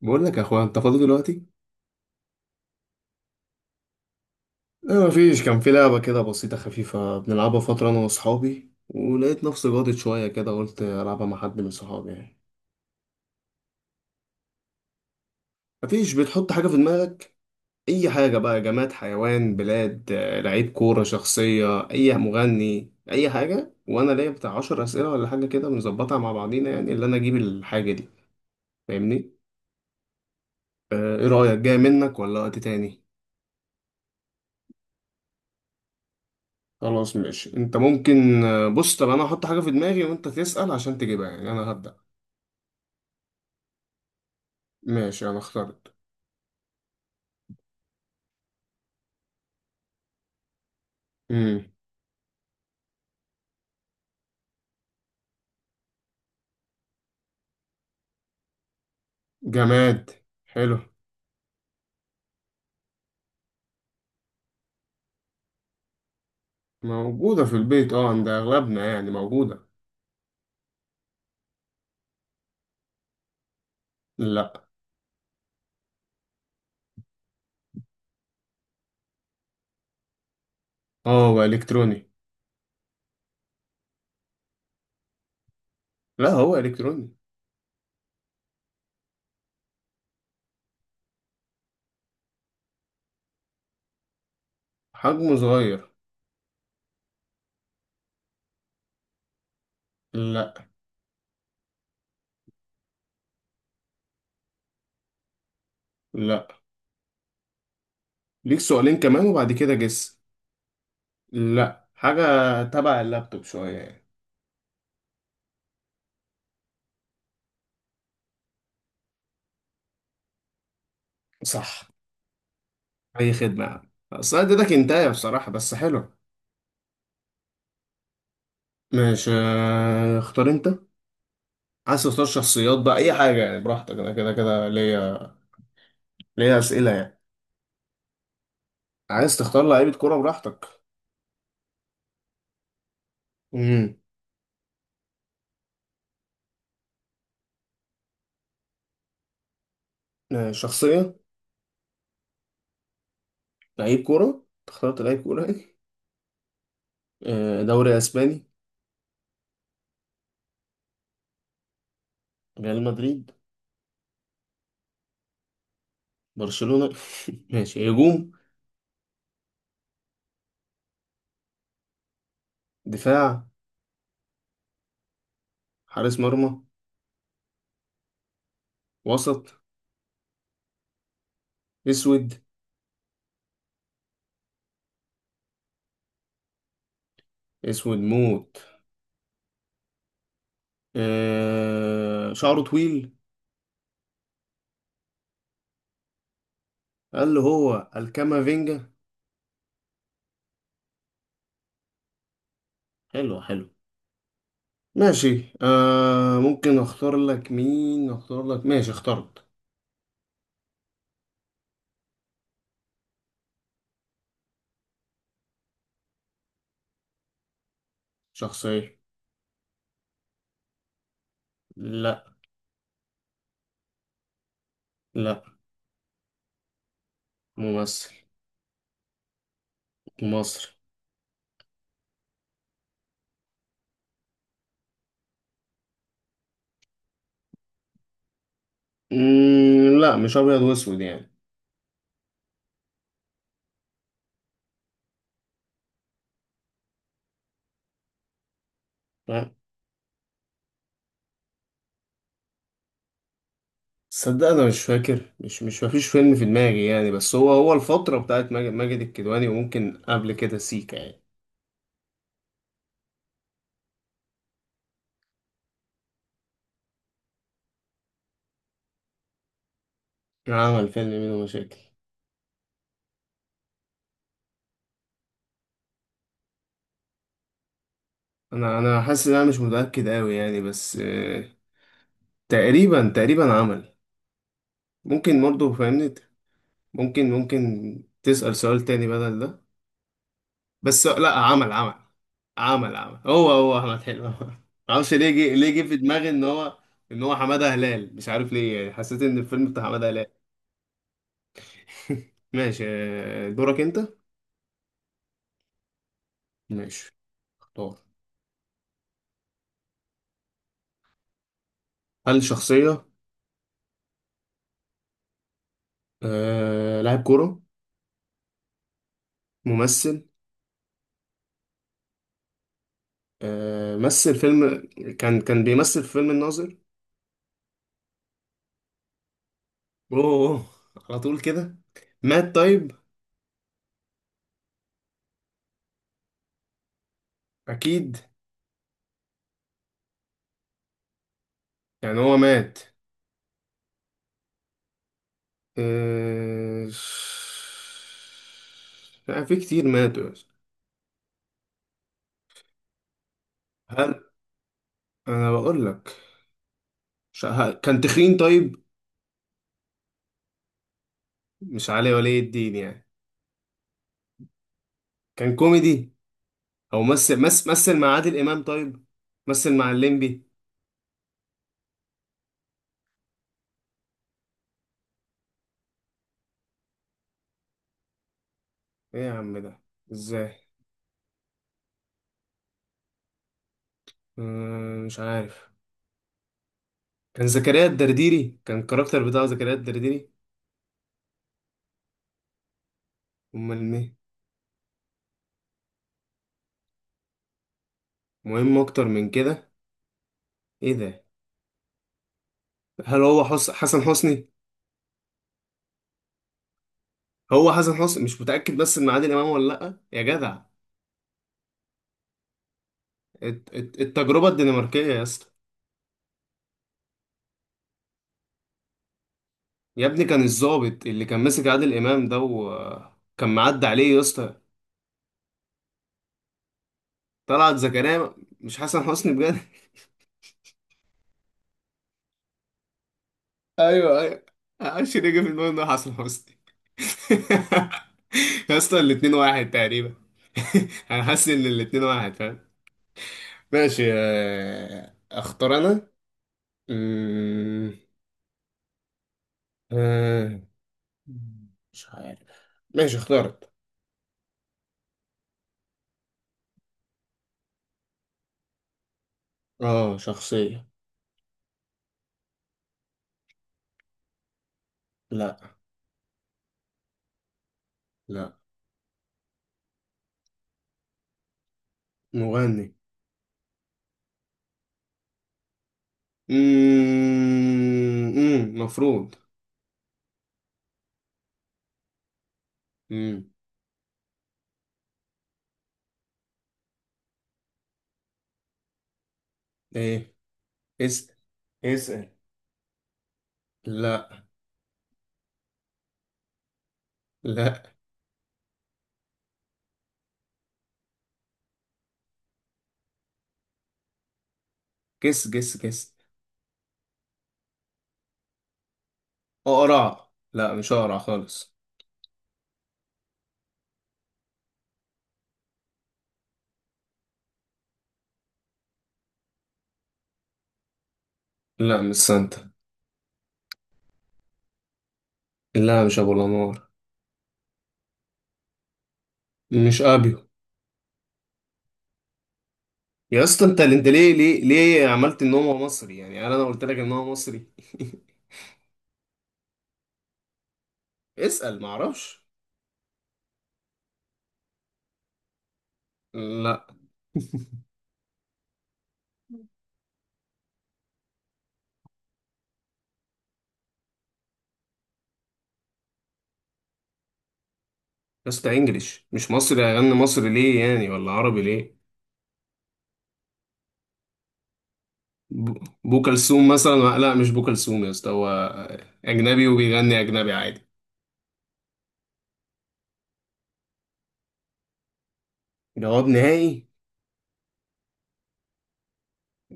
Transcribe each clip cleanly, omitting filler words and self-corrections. بقول لك يا اخويا، انت فاضي دلوقتي؟ لا، مفيش. كان في لعبة كده بسيطة خفيفة بنلعبها فترة أنا وأصحابي، ولقيت نفسي جادت شوية كده قلت ألعبها مع حد من صحابي يعني. مفيش، بتحط حاجة في دماغك أي حاجة بقى: جماد، حيوان، بلاد، لعيب كورة، شخصية، أي مغني، أي حاجة. وأنا ليا بتاع 10 أسئلة ولا حاجة كده بنظبطها مع بعضينا، يعني اللي أنا أجيب الحاجة دي. فاهمني؟ إيه رأيك؟ جاي منك ولا وقت تاني؟ خلاص ماشي. أنت ممكن بص، طب أنا هحط حاجة في دماغي وأنت تسأل عشان تجيبها، يعني أنا هبدأ. ماشي، انا اخترت. امم جماد. حلو. موجودة في البيت، اه، عند اغلبنا يعني موجودة. لا. اه، هو الكتروني. لا، هو الكتروني. حجمه صغير. لا. لا، ليك سؤالين كمان وبعد كده جس. لا حاجة. تبع اللابتوب شوية يعني. صح. اي خدمة يا عم، اصل أنا اديتك انتايه بصراحة، بس حلو. ماشي. اختار انت. عايز تختار شخصيات بقى اي حاجة يعني، براحتك. انا كده كده ليا. ليا اسئلة يعني. عايز تختار لعيبة كورة، براحتك. امم شخصية. لعيب كورة. اخترت لعيب كورة يعني. دوري اسباني. ريال مدريد. برشلونة. ماشي، هجوم؟ دفاع؟ حارس مرمى؟ وسط؟ اسود؟ اسود موت. شعره طويل؟ قال له هو الكامافينجا. حلو حلو. ماشي. ممكن اختار لك مين اختار لك. ماشي، اخترت. شخصية. لا. لا. ممثل. مصري. لا، مش ابيض واسود يعني. آه. تصدق انا مش فاكر، مش مش مفيش فيلم في دماغي يعني. بس هو الفترة بتاعت ماجد الكدواني، وممكن قبل كده سيكا يعني. عمل فيلم منه مشاكل. انا حاسس ان انا مش متأكد قوي يعني، بس تقريبا تقريبا عمل. ممكن برضه، فاهمني؟ ممكن تسأل سؤال تاني بدل ده. بس لا، عمل عمل. هو احمد حلمي. معرفش ليه جه في دماغي ان هو حمادة هلال، مش عارف ليه يعني، حسيت ان الفيلم بتاع حمادة هلال. ماشي. دورك انت. ماشي. اختار. هل شخصية؟ لاعب كورة؟ ممثل؟ مثل فيلم؟ كان بيمثل في فيلم الناظر؟ اوه. أوه، على طول كده. مات طيب؟ اكيد. يعني هو مات؟ آه، لا، في كتير ماتوا. هل... انا بقول لك، كان تخين طيب؟ مش علي ولي الدين يعني؟ كان كوميدي. او مثل مع عادل امام طيب؟ مثل مع الليمبي؟ ايه يا عم ده! ازاي! مش عارف. كان زكريا الدرديري، كان الكاركتر بتاع زكريا الدرديري. امال مين؟ مهم اكتر من كده؟ ايه ده؟ هل هو حسن حسني؟ هو حسن حسني، مش متاكد بس من عادل امام ولا لا يا جدع. التجربه الدنماركيه يا اسطى. يا ابني، كان الضابط اللي كان ماسك عادل امام ده وكان معدي عليه يا اسطى. طلعت زكريا؟ مش حسن حسني؟ بجد! ايوه، ايوه. معرفش ليه جه في دماغي إنه حسن حسني. يا اسطى، الاتنين واحد تقريبا. انا حاسس ان الاتنين واحد، فاهم؟ ماشي. اختار انا. أمم، آه، مش عارف. ماشي، اخترت. اه، شخصية. لا. لا. مغني. أمم، أمم، مفروض. أمم، ايه؟ اسأل. اسأل. لا. لا. جس، جس، جس. اقرع؟ لا، مش اقرع خالص. لا، مش سانتا. لا، مش ابو الانوار. مش ابيو. يا اسطى، انت ليه عملت ان هو مصري يعني؟ انا لو قلت لك ان هو مصري. اسأل، معرفش. لا. يا اسطى، انجليش مش مصري، هيغني مصري ليه يعني؟ ولا عربي ليه؟ بو كلثوم مثلا؟ لا مش بو كلثوم يا اسطى، هو اجنبي وبيغني اجنبي عادي. جواب نهائي؟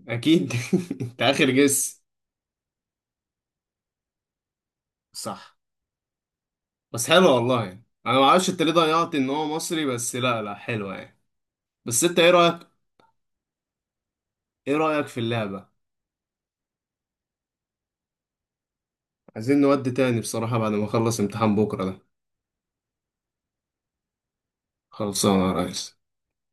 اكيد. انت اخر جس. صح. بس حلوة والله يعني. انا ما اعرفش انت ليه ضيعت ان هو مصري، بس لا لا، حلوة يعني. بس انت، ايه رأيك؟ ايه رأيك في اللعبة؟ عايزين نودي تاني بصراحة بعد ما اخلص امتحان بكرة ده. خلصانة يا ريس.